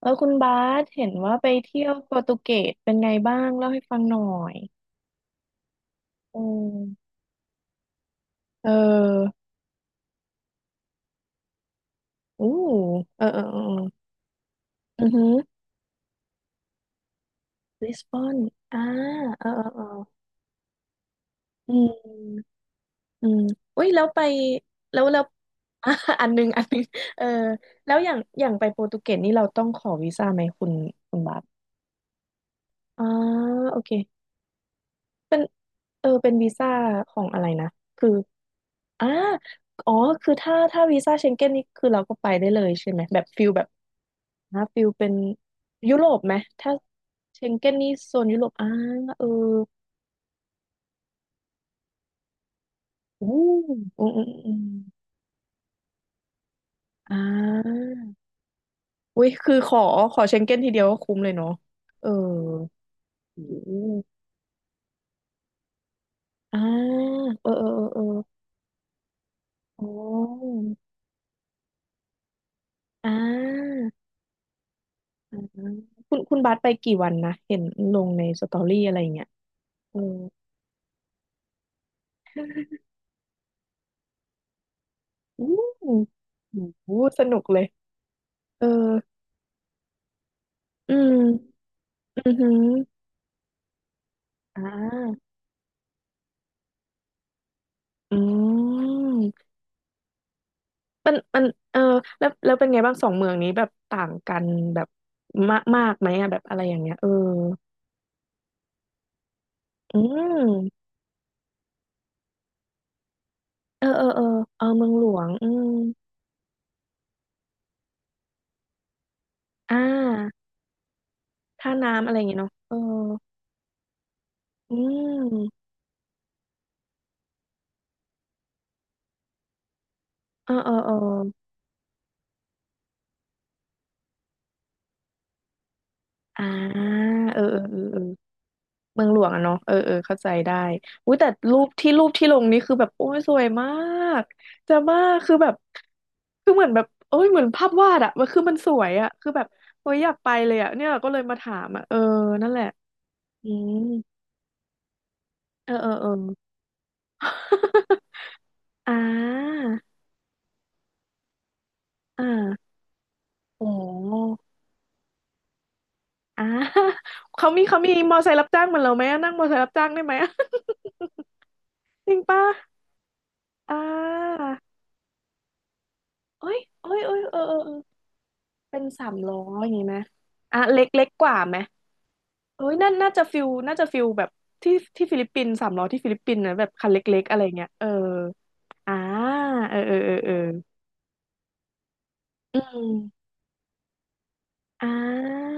เออคุณบาสเห็นว่าไปเที่ยวโปรตุเกสเป็นไงบ้างเล่าให้ฟังหน่อยอืมเอออู้เออเออเอออือหือลิสบอนอ่าเออเออเอออืมอืมอุ้ยแล้วไปแล้วแล้ว อ่ะอันหนึงอันหนึงเออแล้วอย่างไปโปรตุเกสนี่เราต้องขอวีซ่าไหมคุณคุณบาสอ่าโอเค เป็นเออเป็นวีซ่าของอะไรนะคืออ่าอ๋อคือถ้าวีซ่าเชงเก้นนี่คือเราก็ไปได้เลยใช่ไหมแบบฟิลแบบนะฟิลเป็นยุโรปไหมถ้าเชงเก้นนี่โซนยุโรปอ่าเอออู้อืมอืมอืมอ่าอุ้ยคือขอขอเชงเก้นทีเดียวก็คุ้มเลยเนาะเอออืมอ่าเออเออเออเอออ๋ออ่า อ่าคุณคุณบัสไปกี่วันนะเห็นลงในสตอรี่อะไรอย่างเงี้ยเอออู้หูหูสนุกเลยเอออืมอือหืออ่าอืมมันมันเออแล้วแล้วเป็นไงบ้างสองเมืองนี้แบบต่างกันแบบมากมากไหมอะแบบอะไรอย่างเงี้ยเอออืมเออเออเออเออเมืองหลวงอืมอ่าท่าน้ำอะไรอย่างเงี้ยเนาะเอออืมเออเออเอออ่าเออเออเออเออ เมืองหลวงอะเนาะเออเออเข้าใจได้อุ้ยแต่รูปที่ลงนี่คือแบบโอ้ยสวยมากจะมากคือแบบคือเหมือนแบบโอ้ยเหมือนภาพวาดอะมันคือมันสวยอะคือแบบโอ้ยอยากไปเลยอะเนี่ยก็เลยมาถามอะเออนั่นแหละอืมเออเออเออ อ่าอ่าโอ้อ่า เขามีมอไซค์รับจ้างเหมือนเราไหมอะนั่งมอไซค์รับจ้างได้ไหมอะ จริงป่ะอ่าโอ้ยโอ้ยโอ้ยเออเออ เป็นสามล้ออย่างงี้ไหมอ่ะเล็กกว่าไหมเอ้ยน่าน่าจะฟิลแบบที่ฟิลิปปินส์สามล้อที่ฟิลิปปินส์นะแบบคันเล็กๆอะไรเงี้ยเอออ่าเออเออเออเอออืมอ่า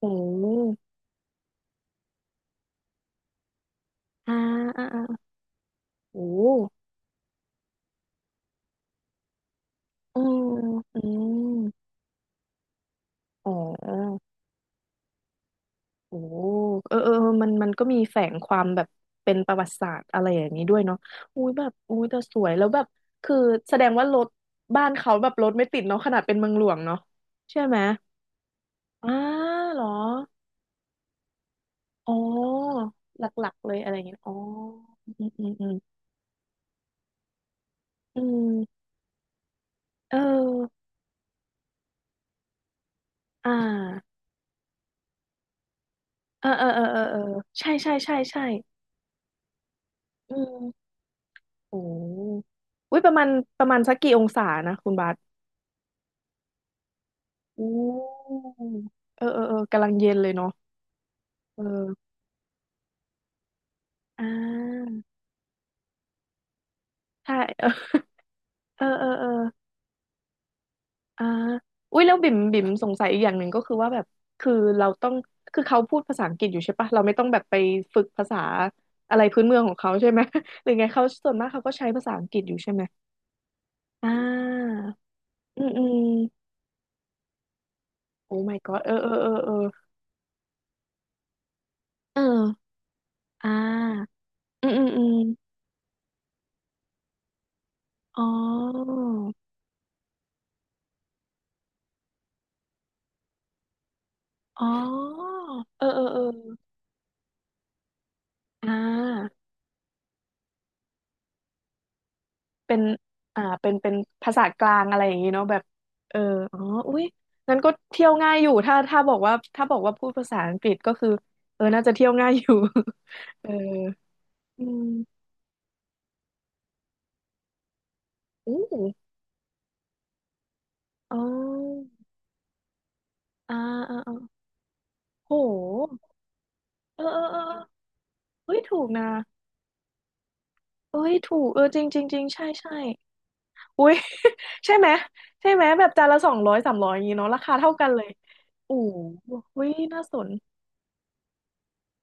โอ้อ่าอ่าอ่าโอ้อืมอืมอ๋อ โอ้เออเออเออมันมันก็มีแฝงความแบบเป็นประวัติศาสตร์อะไรอย่างนี้ด้วยเนาะอุ้ยแบบ อุ้ยแต่สวย แล้วแบบ คือแสดงว่ารถบ้านเขาแบบรถไม่ติดเนาะขนาดเป็นเมืองหลวงเนาะใช่ไหมอ้าเหรออ๋อหลักๆเลยอะไรอย่างเงี้ยอ๋ออืมอืมอืมอืมเอออ่าเออเออเออเออเออใช่ใช่ใช่ใช่อืมโอ้อุ้ยประมาณประมาณสักกี่องศานะคุณบาส อืมเออเออเออกำลังเย็นเลยเนาะเอออ่าใช่เออเออเออเอออ่าอุ้ยแล้วบิ่มสงสัยอีกอย่างหนึ่งก็คือว่าแบบคือเราต้องคือเขาพูดภาษาอังกฤษอยู่ใช่ปะเราไม่ต้องแบบไปฝึกภาษาอะไรพื้นเมืองของเขาใช่ไหม หรือไงเขาส่วนมากเขาก็ใช้ภาษาอังกฤษอยู่ใช่ไหมอ่าอืมอืมโอ้ my god เออเออเออเออเอออ่าอืมอืมอืมอ๋ออ๋อเออเออเอออ่า เป็นอ่าเป็นเป็นภาษากลางอะไรอย่างนี้เนาะแบบเอออ๋ออุ้ยนั้นก็เที่ยวง่ายอยู่ ถ้าบอกว่าถ้าบอกว่าพูดภาษาอังกฤษก็คือเออน่าจะเที่ยวง่ายอยู่ เอออืมอู้อ๋ออ่าอ่าอ่าโหเออเออเออเฮ้ยถูกนะเอ้ยถูกเออจริงจริงจริงใช่ใช่อุ้ย ใช่ไหมใช่ไหมแบบจานละสองร้อยสามร้อยอย่างนี้เนาะราคาเท่ากันเลยโอ้โหเฮ้ยน่าสน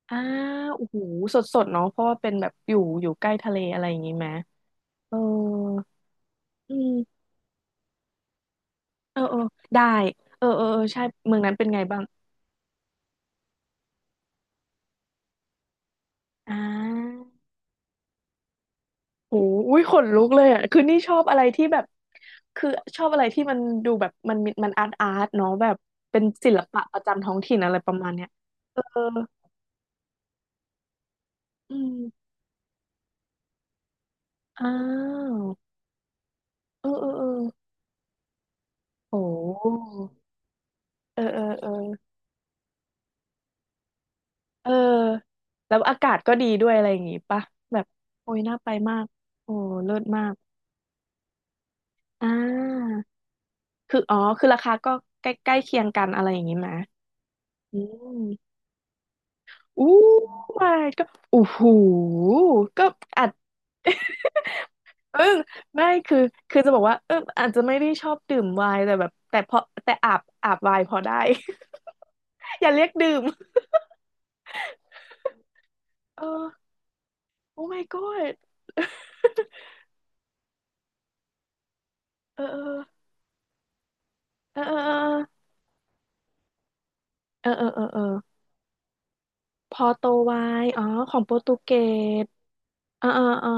อ่าโอ้โหสดสดเนาะเพราะว่าเป็นแบบอยู่อยู่ใกล้ทะเลอะไรอย่างงี้ไหมเอออืมเออเออได้เออเออเออใช่เมืองนั้นเป็นไงบ้างอ่าโอ้อุ้ยขนลุกเลยอ่ะคือนี่ชอบอะไรที่แบบคือชอบอะไรที่มันดูแบบมันมีมันอาร์ตอาร์ตเนาะแบบเป็นศิลปะประจำท้องถิ่นอะไรประมาณเนี้ยเอออืมอ้าวเออเออเออโอ้เออเออเออ เออแล้วอากาศก็ดีด้วยอะไรอย่างงี้ปะแบบโอ้ยน่าไปมากโอ้เลิศมากอ่าคืออ๋อคือราคาก็ใกล้ใกล้เคียงกันอะไรอย่างงี้ไหมอืมอู้ my god โอ้โหก็อาจเออไม่คือคือจะบอกว่าเอออาจจะไม่ได้ชอบดื่มไวน์แต่แบบแต่พอแต่อาบไวน์พอได้ อย่าเรียกดื่ม เออโอ้ my god เออเออเออเออเออเออเออเออ พอโตไวอ๋อ ของโปรตุเกสอ่าอ่าอ่า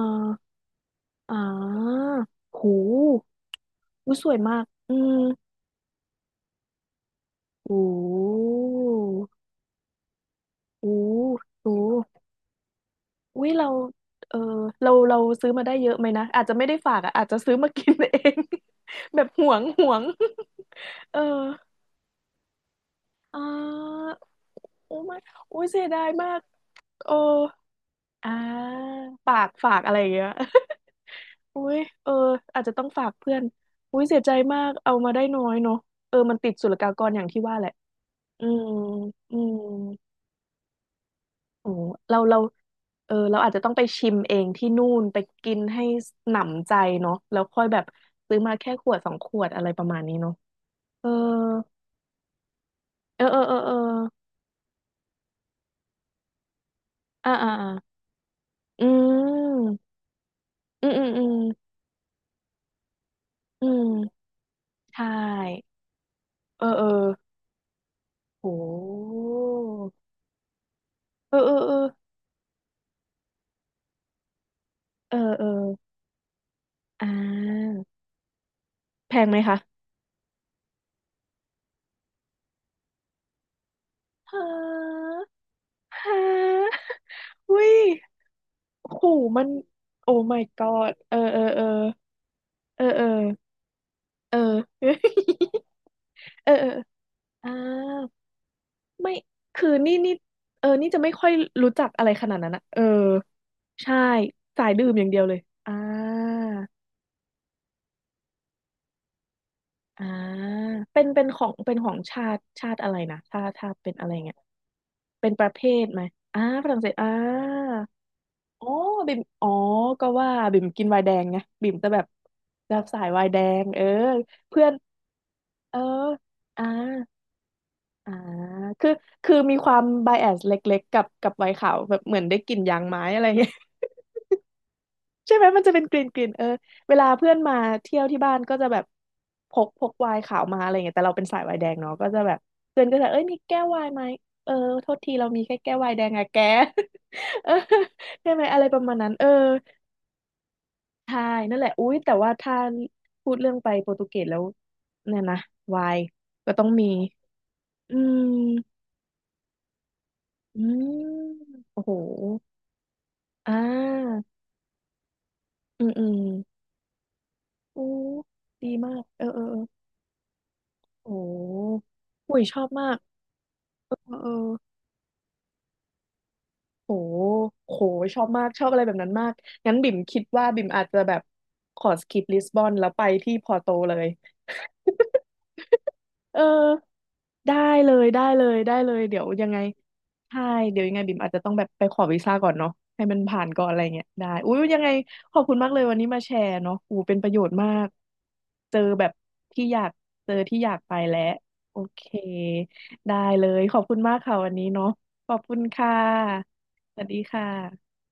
อ๋อหูอู้สวยมากอืมหูหูหูอุ้ยเราเออเรา เราซื้อมาได้เยอะไหมนะอาจจะไม่ได้ฝากอ่ะอาจจะซื้อมากินเอง แบบหวงห่วง เอออ่าโอ้ไม่โอ้ยเสียดายมากโอ้อ่าฝากอะไรอย่างเงี้ย อุ้ยเอออาจจะต้องฝากเพื่อนอุ้ยเสียใจมากเอามาได้น้อยเนาะเออมันติดศุลกากรอย่างที่ว่าแหละอืมอืมโอ้เราเออเราอาจจะต้องไปชิมเองที่นู่นไปกินให้หนำใจเนาะแล้วค่อยแบบซื้อมาแค่ขวดสองขวดอะไรประมาณนี้เนาะเออเออเออเออเอออ่าอ่าอ่าอืมอืมอืมอืมอืมใช่เออเออโหเออเออเออเออเอออ่า แพงไหมคะฮะฮะอุ้ยขู่มันโอ้ my god เออเออเออเออเออ เออ เออเอออ่าไม่คือนี่นี่เออนี่จะไม่ค่อยรู้จักอะไรขนาดนั้นอะเออใช่สายดื่มอย่างเดียวเลยอ่าอ่าเป็นของเป็นของชาติชาติอะไรนะชาติชาติเป็นอะไรเงี้ยเป็นประเภทไหมอ่าฝรั่งเศสอ่า อ๋อบิ่มอ๋อก็ว่าบิ่มกินไวน์แดงไงบิ่มจะแบบแบบสายไวน์แดงเออเพื่อนเอออ่าอ่าคือคือมีความไบแอสเล็กๆกับไวน์ขาวแบบเหมือนได้กลิ่นยางไม้อะไรเงี้ย ใช่ไหมมันจะเป็นกลิ่นกลิ่นเออเวลาเพื่อนมาเที่ยวที่บ้านก็จะแบบพกไวน์ขาวมาอะไรเงี้ยแต่เราเป็นสายไวน์แดงเนาะก็จะแบบเพื่อนก็จะเอ้ยมีแก้วไวน์ไหมเออโทษทีเรามีแค่แก้วไวน์แดงอะแก เออใช่ไหมอะไรประมาณนั้นเออ ใช่นั่นแหละอุ๊ยแต่ว่าถ้าพูดเรื่องไปโปรตุเกสแล้วเนี่ยนะวายก็ต้องมีอืมอืมโอ้โหอ่าอืมอืมโอ้ดีมากเออเออเออโอ้โหอุ้ยชอบมากเออเออโหโหชอบมากชอบอะไรแบบนั้นมาก งั้นบิ่มคิดว่าบิ่มอาจจะแบบขอสกิปลิสบอนแล้วไปที่พอร์โตเลย เออได้เลยได้เลยได้เลยเดี๋ยวยังไงใช่เดี๋ยวยังไงบิ่มอาจจะต้องแบบไปขอวีซ่าก่อนเนาะให้มันผ่านก่อนอะไรเงี้ยได้อุ้ยยังไงขอบคุณมากเลยวันนี้มาแชร์เนาะอูเป็นประโยชน์มากเจอแบบที่อยากเจอที่อยากไปแล้วโอเคได้เลยขอบคุณมากค่ะวันนี้เนาะขอบคุณค่ะสวัสดีค่ะ